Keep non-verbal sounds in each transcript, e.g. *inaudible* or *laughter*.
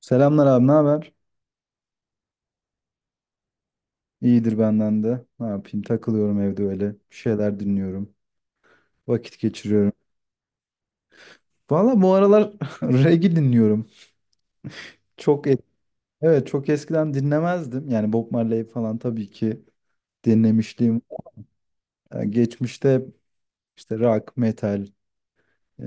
Selamlar abi, ne haber? İyidir benden de. Ne yapayım? Takılıyorum evde öyle. Bir şeyler dinliyorum. Vakit geçiriyorum. Valla bu aralar *laughs* reggae dinliyorum. Çok et- evet, çok eskiden dinlemezdim. Yani Bob Marley falan tabii ki dinlemişliğim var. Geçmişte hep işte rock, metal, e,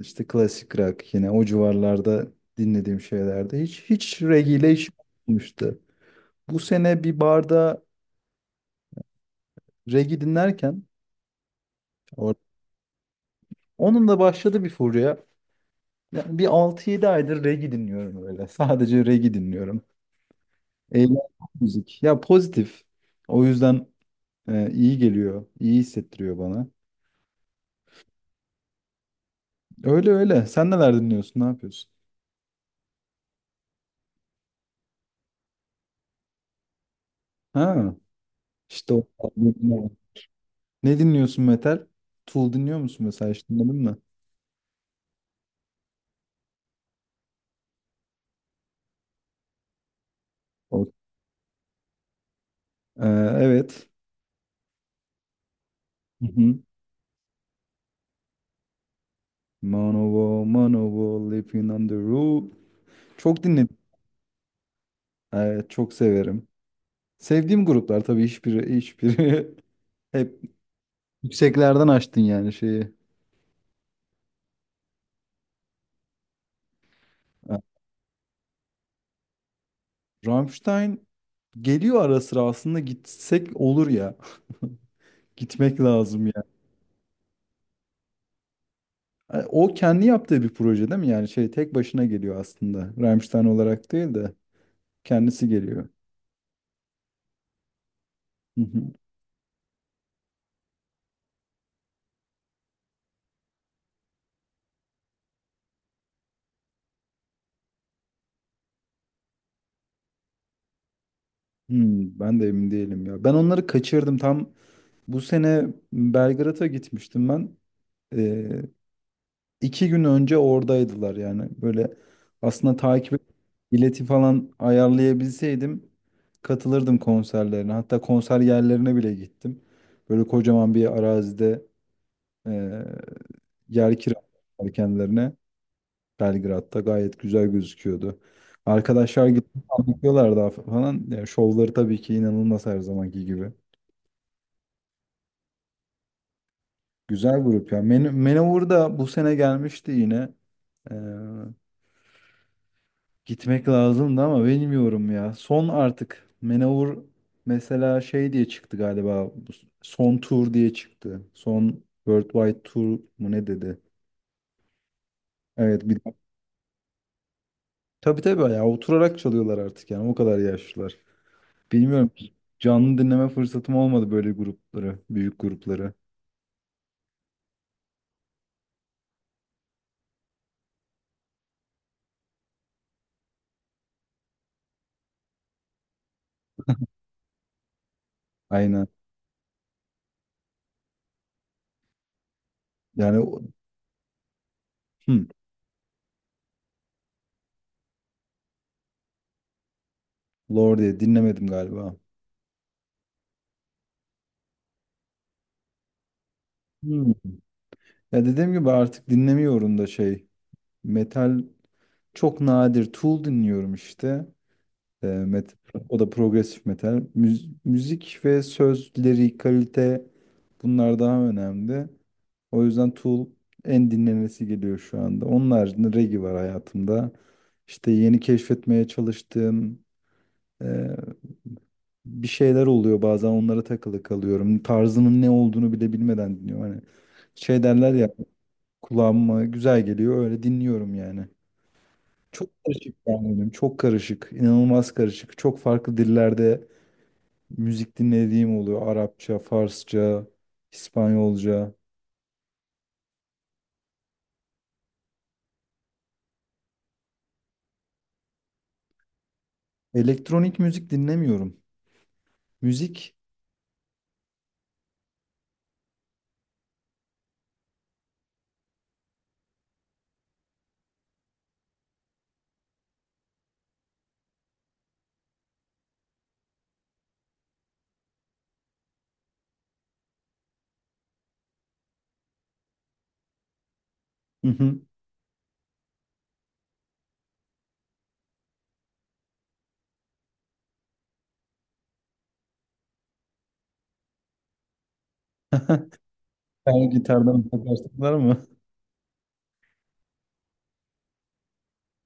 işte klasik rock yine o civarlarda dinlediğim şeylerde hiç reggae ile işim olmuştu. Bu sene bir barda reggae dinlerken or- onun da başladı bir furya. Ya bir altı yedi aydır reggae dinliyorum öyle. Sadece reggae dinliyorum. Eğlenceli müzik. Ya pozitif. O yüzden iyi geliyor. İyi hissettiriyor bana. Öyle öyle. Sen neler dinliyorsun? Ne yapıyorsun? Ha, işte o. Ne dinliyorsun metal? Tool dinliyor musun mesela? Hiç dinledin mi? O- Ee, evet. Hı hı. Manowar, Manowar, Living on the Roof. Çok dinledim. Evet, çok severim. Sevdiğim gruplar tabii hiçbiri *laughs* hep Yükseklerden açtın yani şeyi. Ha, Rammstein geliyor ara sıra aslında gitsek olur ya. *laughs* Gitmek lazım ya. Yani o kendi yaptığı bir proje değil mi? Yani şey tek başına geliyor aslında. Rammstein olarak değil de kendisi geliyor. Hı hı. Ben de emin değilim ya. Ben onları kaçırdım. Tam bu sene Belgrad'a gitmiştim ben. Ee, 2 gün önce oradaydılar yani. Böyle aslında bileti falan ayarlayabilseydim katılırdım konserlerine. Hatta konser yerlerine bile gittim. Böyle kocaman bir arazide eee yer kiraladılar kendilerine. Belgrad'da gayet güzel gözüküyordu. Arkadaşlar gidip anlatıyorlar daha falan. Yani şovları tabii ki inanılmaz her zamanki gibi. Güzel grup ya. Men Manowar da bu sene gelmişti yine. Gitmek lazımdı ama bilmiyorum ya. Son artık. Manowar mesela şey diye çıktı galiba. Son tur diye çıktı. Son Worldwide Tour mu ne dedi? Evet bir. Tabii tabii ya oturarak çalıyorlar artık yani o kadar yaşlılar. Bilmiyorum. Canlı dinleme fırsatım olmadı böyle grupları, büyük grupları. Aynen. Yani o- hmm, Lorde diye dinlemedim galiba. Hmm. Ya dediğim gibi artık dinlemiyorum da şey. Metal çok nadir. Tool dinliyorum işte. E, met- O da progresif metal. Müzik ve sözleri, kalite bunlar daha önemli. O yüzden Tool en dinlenesi geliyor şu anda. Onun haricinde reggae var hayatımda. İşte yeni keşfetmeye çalıştığım e, bir şeyler oluyor bazen onlara takılı kalıyorum. Tarzının ne olduğunu bile bilmeden dinliyorum. Hani şey derler ya kulağıma güzel geliyor öyle dinliyorum yani. Çok karışık yani benim. Çok karışık. İnanılmaz karışık. Çok farklı dillerde müzik dinlediğim oluyor. Arapça, Farsça, İspanyolca. Elektronik müzik dinlemiyorum. Müzik. Hı hı. *laughs* Sen gitardan takarsınlar mı?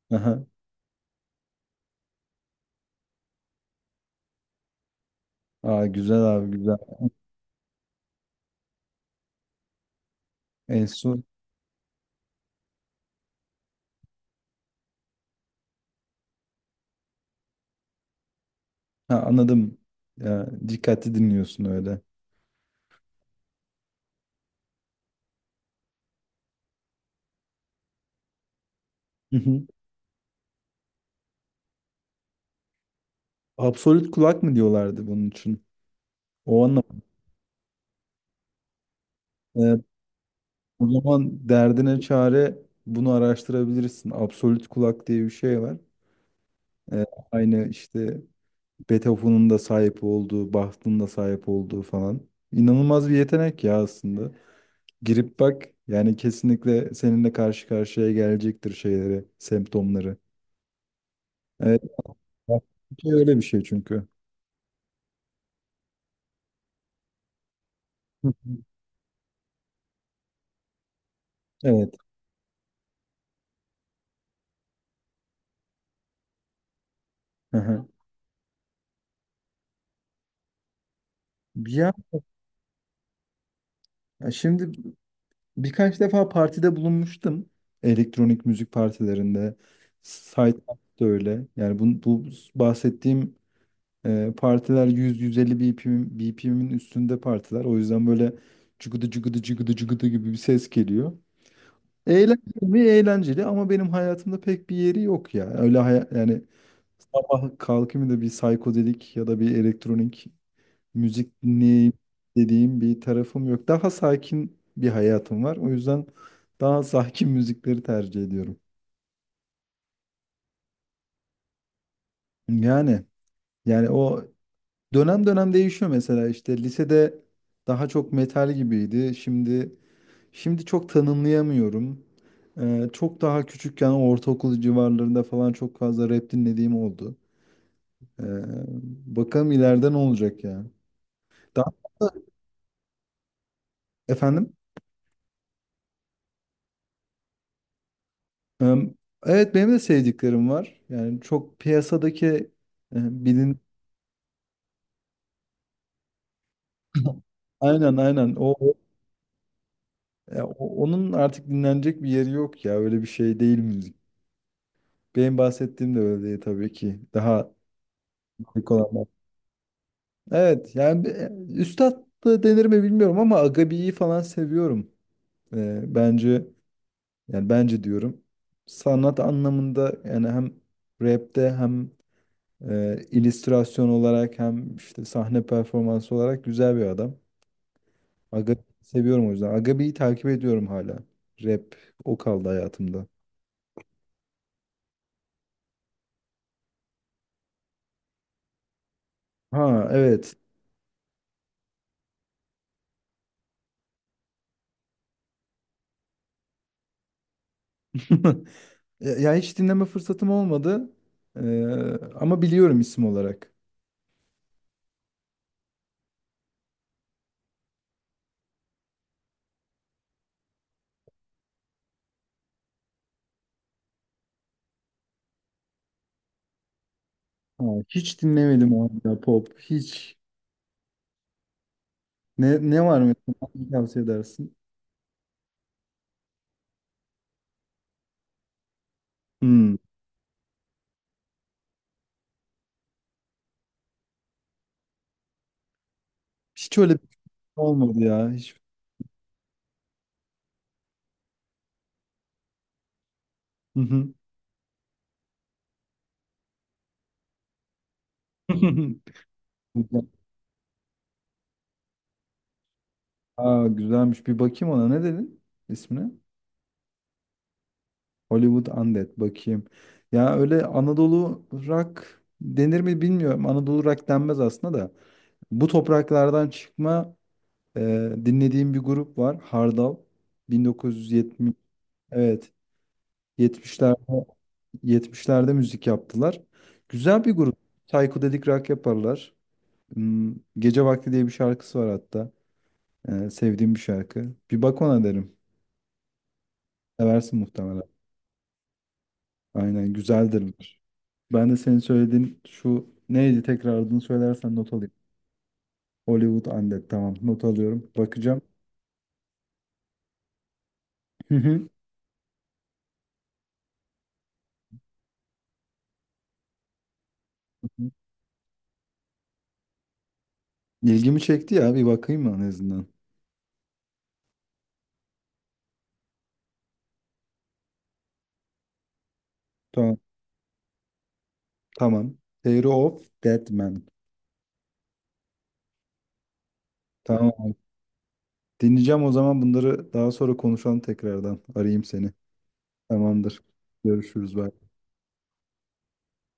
*laughs* Aha. Aa, güzel abi güzel. En son Ha, anladım. Ya, dikkatli dinliyorsun öyle. Hı hı. Absolut kulak mı diyorlardı bunun için? O anlam. Evet, o zaman derdine çare bunu araştırabilirsin. Absolut kulak diye bir şey var. Ee, Aynı işte Beethoven'ın da sahip olduğu, Bach'ın da sahip olduğu falan. İnanılmaz bir yetenek ya aslında. Girip bak yani kesinlikle seninle karşı karşıya gelecektir şeyleri, semptomları. Evet, bak, şey öyle bir şey çünkü. Hı hı. Evet. Hı hı. Ya şimdi birkaç defa partide bulunmuştum. Elektronik müzik partilerinde. Site da öyle. Yani bu bahsettiğim partiler 100-150 BPM, BPM'in üstünde partiler. O yüzden böyle cıgıdı cıgıdı cıgıdı cıgıdı gibi bir ses geliyor. Eğlenceli mi? Eğlenceli ama benim hayatımda pek bir yeri yok ya. Yani sabah kalkayım da bir psikodelik ya da bir elektronik müzik dinleyeyim dediğim bir tarafım yok. Daha sakin bir hayatım var. O yüzden daha *laughs* sakin müzikleri tercih ediyorum. Yani yani o Dönem dönem değişiyor mesela işte lisede daha çok metal gibiydi. Şimdi çok tanımlayamıyorum. Çok daha küçükken ortaokul civarlarında falan çok fazla rap dinlediğim oldu. Ee, Bakalım ileride ne olacak ya. Daha efendim. Ee, evet, benim de sevdiklerim var. Yani çok piyasadaki bilin aynen aynen onun artık dinlenecek bir yeri yok ya öyle bir şey değil müzik. Benim bahsettiğim de öyle değil tabii ki. Daha dik olanlar. Evet yani üstad da denir mi bilmiyorum ama Agabi'yi falan seviyorum. Bence, yani bence diyorum sanat anlamında yani hem rapte hem illüstrasyon olarak hem işte sahne performansı olarak güzel bir adam. Agabi seviyorum o yüzden. Agabi'yi takip ediyorum hala. Rap o kaldı hayatımda. Ha evet. *laughs* Ya hiç dinleme fırsatım olmadı. Ee, Ama biliyorum isim olarak. Ha, hiç dinlemedim abi ya pop. Hiç. Ne var mesela? Hangi tavsiye edersin? Hmm. Hiç öyle bir şey olmadı ya. Hiç. Hı hı. *laughs* Güzel. Aa, güzelmiş. Bir bakayım ona. Ne dedin ismine? Hollywood Undead. Bakayım. Ya öyle Anadolu rock denir mi bilmiyorum. Anadolu rock denmez aslında da. Bu topraklardan çıkma e, dinlediğim bir grup var. Hardal. 1970. Evet. 70'lerde Yetmişlerde müzik yaptılar. Güzel bir grup. Psychedelic rock yaparlar. Gece Vakti diye bir şarkısı var hatta. Sevdiğim bir şarkı. Bir bak ona derim. Seversin muhtemelen. Aynen güzeldir. Ben de senin söylediğin şu neydi tekrar adını söylersen not alayım. Hollywood Undead tamam not alıyorum. Bakacağım. Hı hı. İlgimi çekti ya bir bakayım en azından. Tamam. Tamam. Theory of Dead Man. Tamam. Dinleyeceğim o zaman bunları daha sonra konuşalım tekrardan. Arayayım seni. Tamamdır. Görüşürüz. Bay